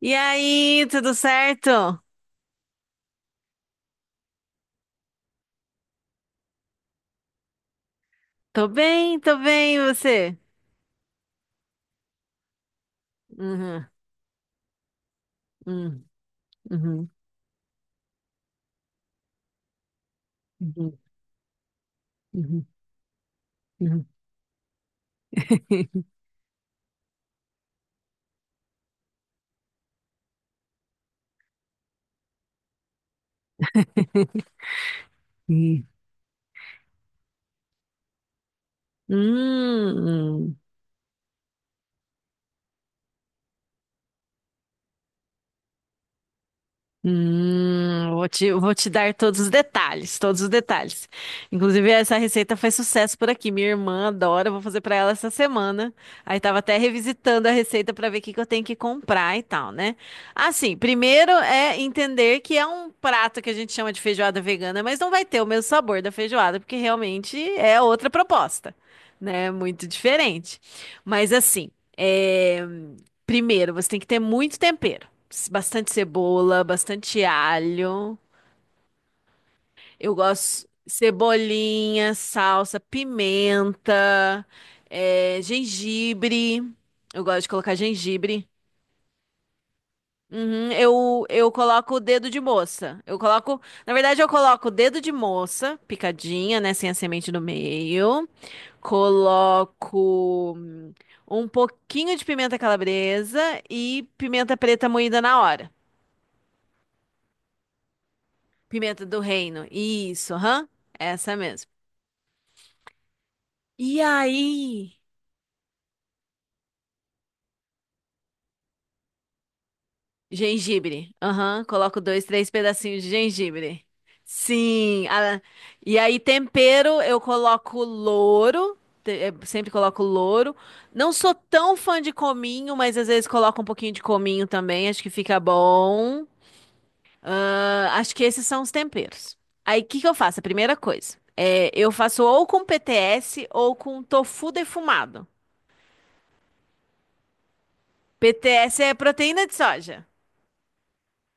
E aí, tudo certo? Tô bem, e você? Uhum, uhum, uhum, uhum, uhum, uhum. Hum. Vou te dar todos os detalhes, todos os detalhes. Inclusive, essa receita faz sucesso por aqui. Minha irmã adora, eu vou fazer pra ela essa semana. Aí tava até revisitando a receita pra ver o que que eu tenho que comprar e tal, né? Assim, primeiro é entender que é um prato que a gente chama de feijoada vegana, mas não vai ter o mesmo sabor da feijoada, porque realmente é outra proposta, né? Muito diferente. Mas assim, é, primeiro você tem que ter muito tempero bastante cebola, bastante alho. Eu gosto cebolinha, salsa, pimenta, gengibre. Eu gosto de colocar gengibre. Uhum, eu coloco o dedo de moça. Eu coloco, na verdade, eu coloco o dedo de moça, picadinha, né, sem a semente no meio. Coloco um pouquinho de pimenta calabresa e pimenta preta moída na hora. Pimenta do reino. Isso, aham. Essa mesmo. E aí? Gengibre. Aham. Coloco dois, três pedacinhos de gengibre. Sim. E aí, tempero, eu coloco louro. Sempre coloco louro. Não sou tão fã de cominho, mas às vezes coloco um pouquinho de cominho também. Acho que fica bom. Ah, acho que esses são os temperos. Aí, o que que eu faço? A primeira coisa. É, eu faço ou com PTS ou com tofu defumado. PTS é proteína de soja.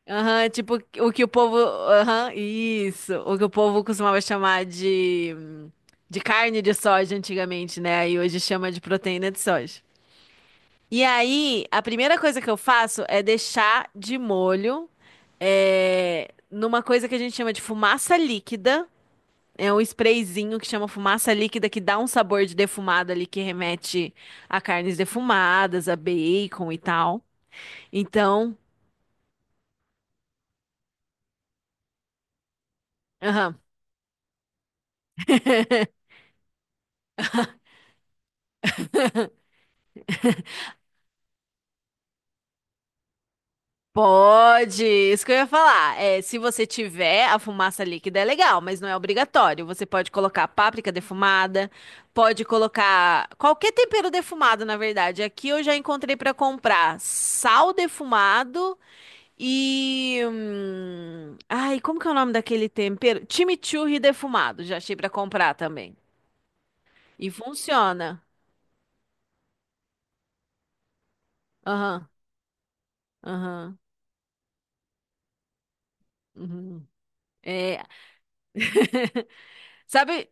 Aham, tipo o que o povo. Aham, isso. O que o povo costumava chamar de carne de soja antigamente, né? E hoje chama de proteína de soja. E aí, a primeira coisa que eu faço é deixar de molho numa coisa que a gente chama de fumaça líquida. É um sprayzinho que chama fumaça líquida que dá um sabor de defumado ali que remete a carnes defumadas, a bacon e tal. Então. Aham. Pode, isso que eu ia falar. É, se você tiver a fumaça líquida, é legal, mas não é obrigatório. Você pode colocar páprica defumada, pode colocar qualquer tempero defumado, na verdade. Aqui eu já encontrei para comprar sal defumado e. Ai, como que é o nome daquele tempero? Chimichurri defumado, já achei para comprar também. E funciona. Aham, aham. Uhum. É, sabe.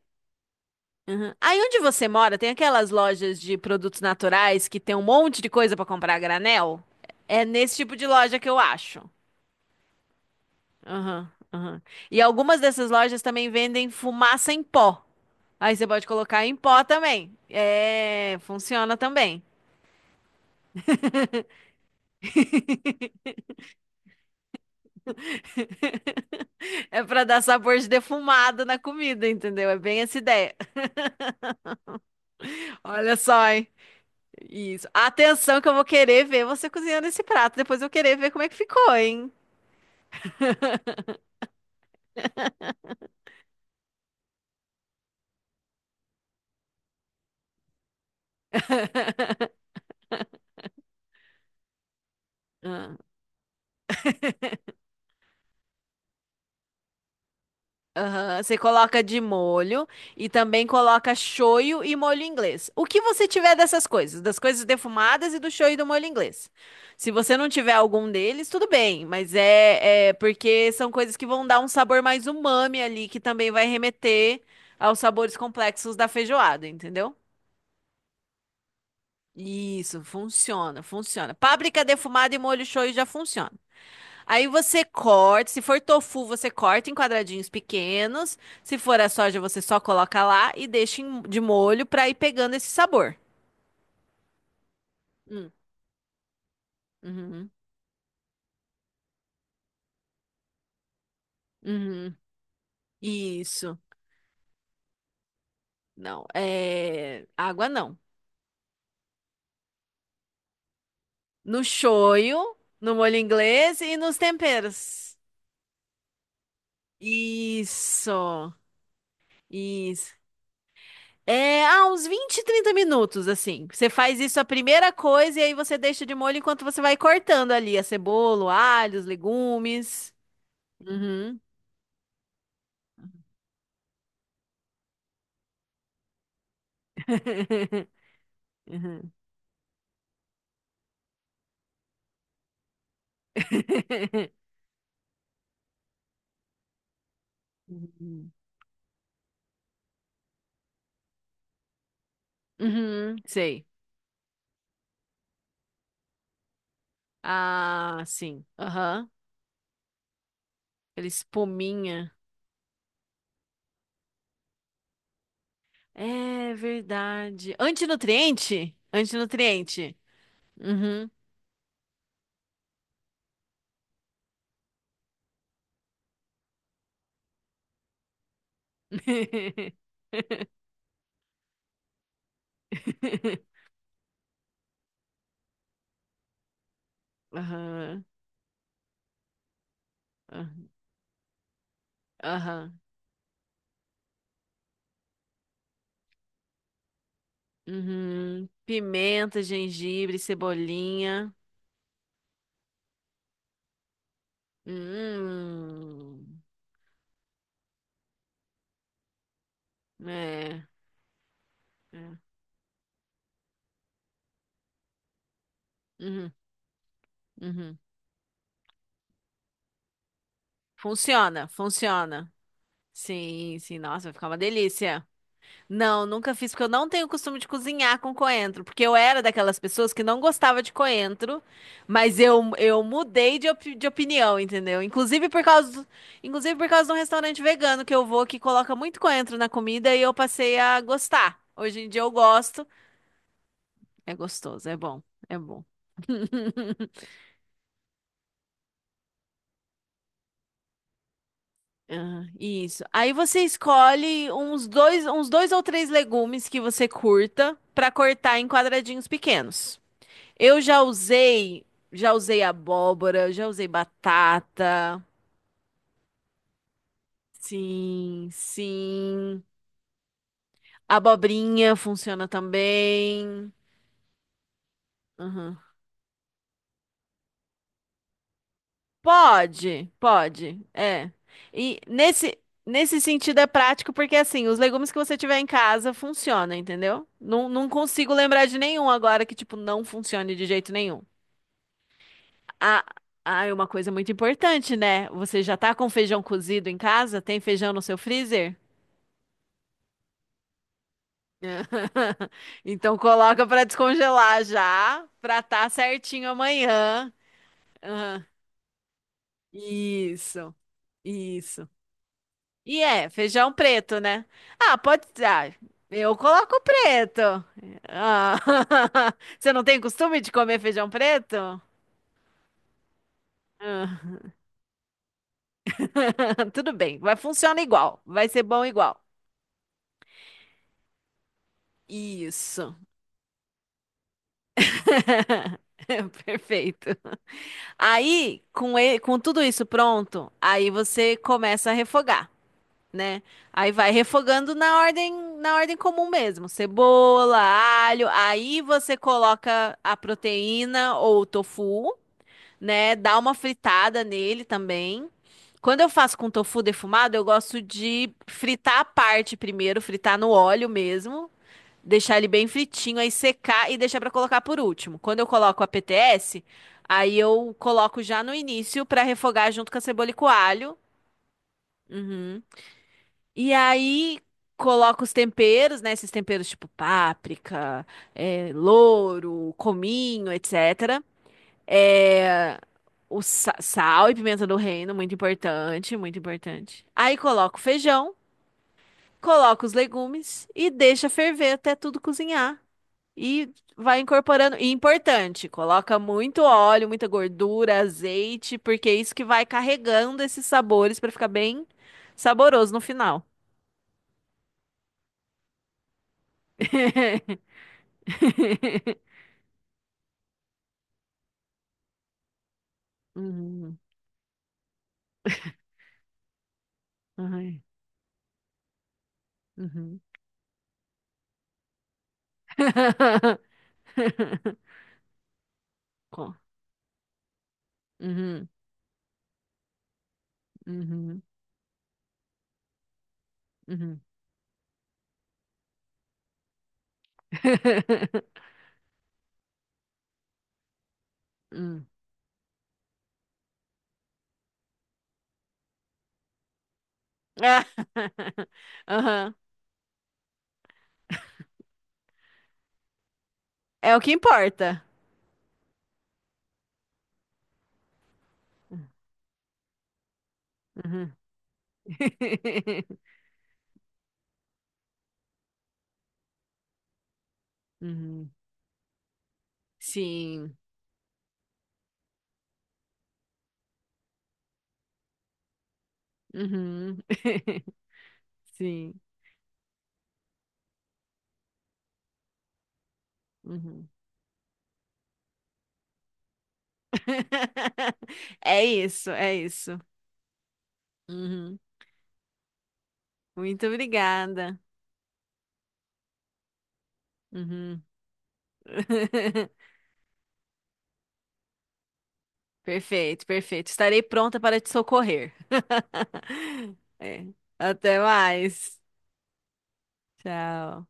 Aham. Aí onde você mora, tem aquelas lojas de produtos naturais que tem um monte de coisa pra comprar a granel? É nesse tipo de loja que eu acho. Aham, aham. E algumas dessas lojas também vendem fumaça em pó. Aí você pode colocar em pó também. É, funciona também. É pra dar sabor de defumado na comida, entendeu? É bem essa ideia. Olha só, hein? Isso. Atenção que eu vou querer ver você cozinhando esse prato. Depois eu vou querer ver como é que ficou, hein? Aham, você coloca de molho e também coloca shoyu e molho inglês. O que você tiver dessas coisas, das coisas defumadas e do shoyu e do molho inglês. Se você não tiver algum deles, tudo bem, mas é porque são coisas que vão dar um sabor mais umami ali, que também vai remeter aos sabores complexos da feijoada, entendeu? Isso, funciona, funciona. Páprica defumada e molho shoyu já funciona. Aí você corta, se for tofu, você corta em quadradinhos pequenos. Se for a soja, você só coloca lá e deixa de molho pra ir pegando esse sabor. Hum, uhum, uhum. Isso. Não, é água não. No shoyu, no molho inglês e nos temperos. Isso. Isso. É, ah, uns 20, 30 minutos, assim. Você faz isso a primeira coisa e aí você deixa de molho enquanto você vai cortando ali a cebola, o alho, os legumes. Uhum. Uhum. Uhum. Uhum, sei. Ah, sim. Aham. Aquela espuminha. É verdade. Antinutriente? Antinutriente. Uhum. Aham. Aham. Aham. Uhum. Pimenta, gengibre, cebolinha. Hum. É. É. Uhum. Uhum. Funciona, funciona. Sim, sim, nossa, vai ficar uma delícia. Não, nunca fiz, porque eu não tenho costume de cozinhar com coentro, porque eu era daquelas pessoas que não gostava de coentro, mas eu mudei de, opinião, entendeu? Inclusive por causa do, inclusive por causa de um restaurante vegano que eu vou que coloca muito coentro na comida e eu passei a gostar. Hoje em dia eu gosto. É gostoso, é bom, é bom. Ah, isso. Aí você escolhe uns dois ou três legumes que você curta pra cortar em quadradinhos pequenos. Eu já usei, já usei abóbora, já usei batata. Sim, sim. Abobrinha funciona também. Uhum. Pode, pode. É. E nesse sentido é prático porque assim, os legumes que você tiver em casa funcionam, entendeu? Não, não consigo lembrar de nenhum agora que tipo não funcione de jeito nenhum. Ah, ah, é uma coisa muito importante, né? Você já tá com feijão cozido em casa? Tem feijão no seu freezer? Então coloca pra descongelar já, pra tá certinho amanhã. Aham. Isso, isso. E é, feijão preto, né? Ah, pode. Ah, eu coloco preto. Ah, Você não tem costume de comer feijão preto? Ah, Tudo bem, vai funcionar igual, vai ser bom igual. Isso. Perfeito. Aí, com tudo isso pronto, aí você começa a refogar. Né? Aí vai refogando na ordem comum mesmo, cebola, alho, aí você coloca a proteína ou o tofu, né? Dá uma fritada nele também. Quando eu faço com tofu defumado, eu gosto de fritar a parte primeiro, fritar no óleo mesmo, deixar ele bem fritinho, aí secar e deixar para colocar por último. Quando eu coloco a PTS, aí eu coloco já no início para refogar junto com a cebola e com o alho. Uhum. E aí coloco os temperos, né? Esses temperos tipo páprica, louro, cominho, etc. Eh, o sal e pimenta do reino, muito importante, muito importante. Aí coloco o feijão, coloco os legumes e deixa ferver até tudo cozinhar. E vai incorporando. E importante, coloca muito óleo, muita gordura, azeite, porque é isso que vai carregando esses sabores para ficar bem saboroso no final. Mhm. Ai. Mhm. Co- Mhm. Mhm. Mhm. Hum. Ah. Aham. É o que importa. Uhum. Uhum. Sim. Uhum. Sim. Uhum. É isso, é isso. Uhum. Muito obrigada. Uhum. Perfeito, perfeito. Estarei pronta para te socorrer. É. Até mais. Tchau.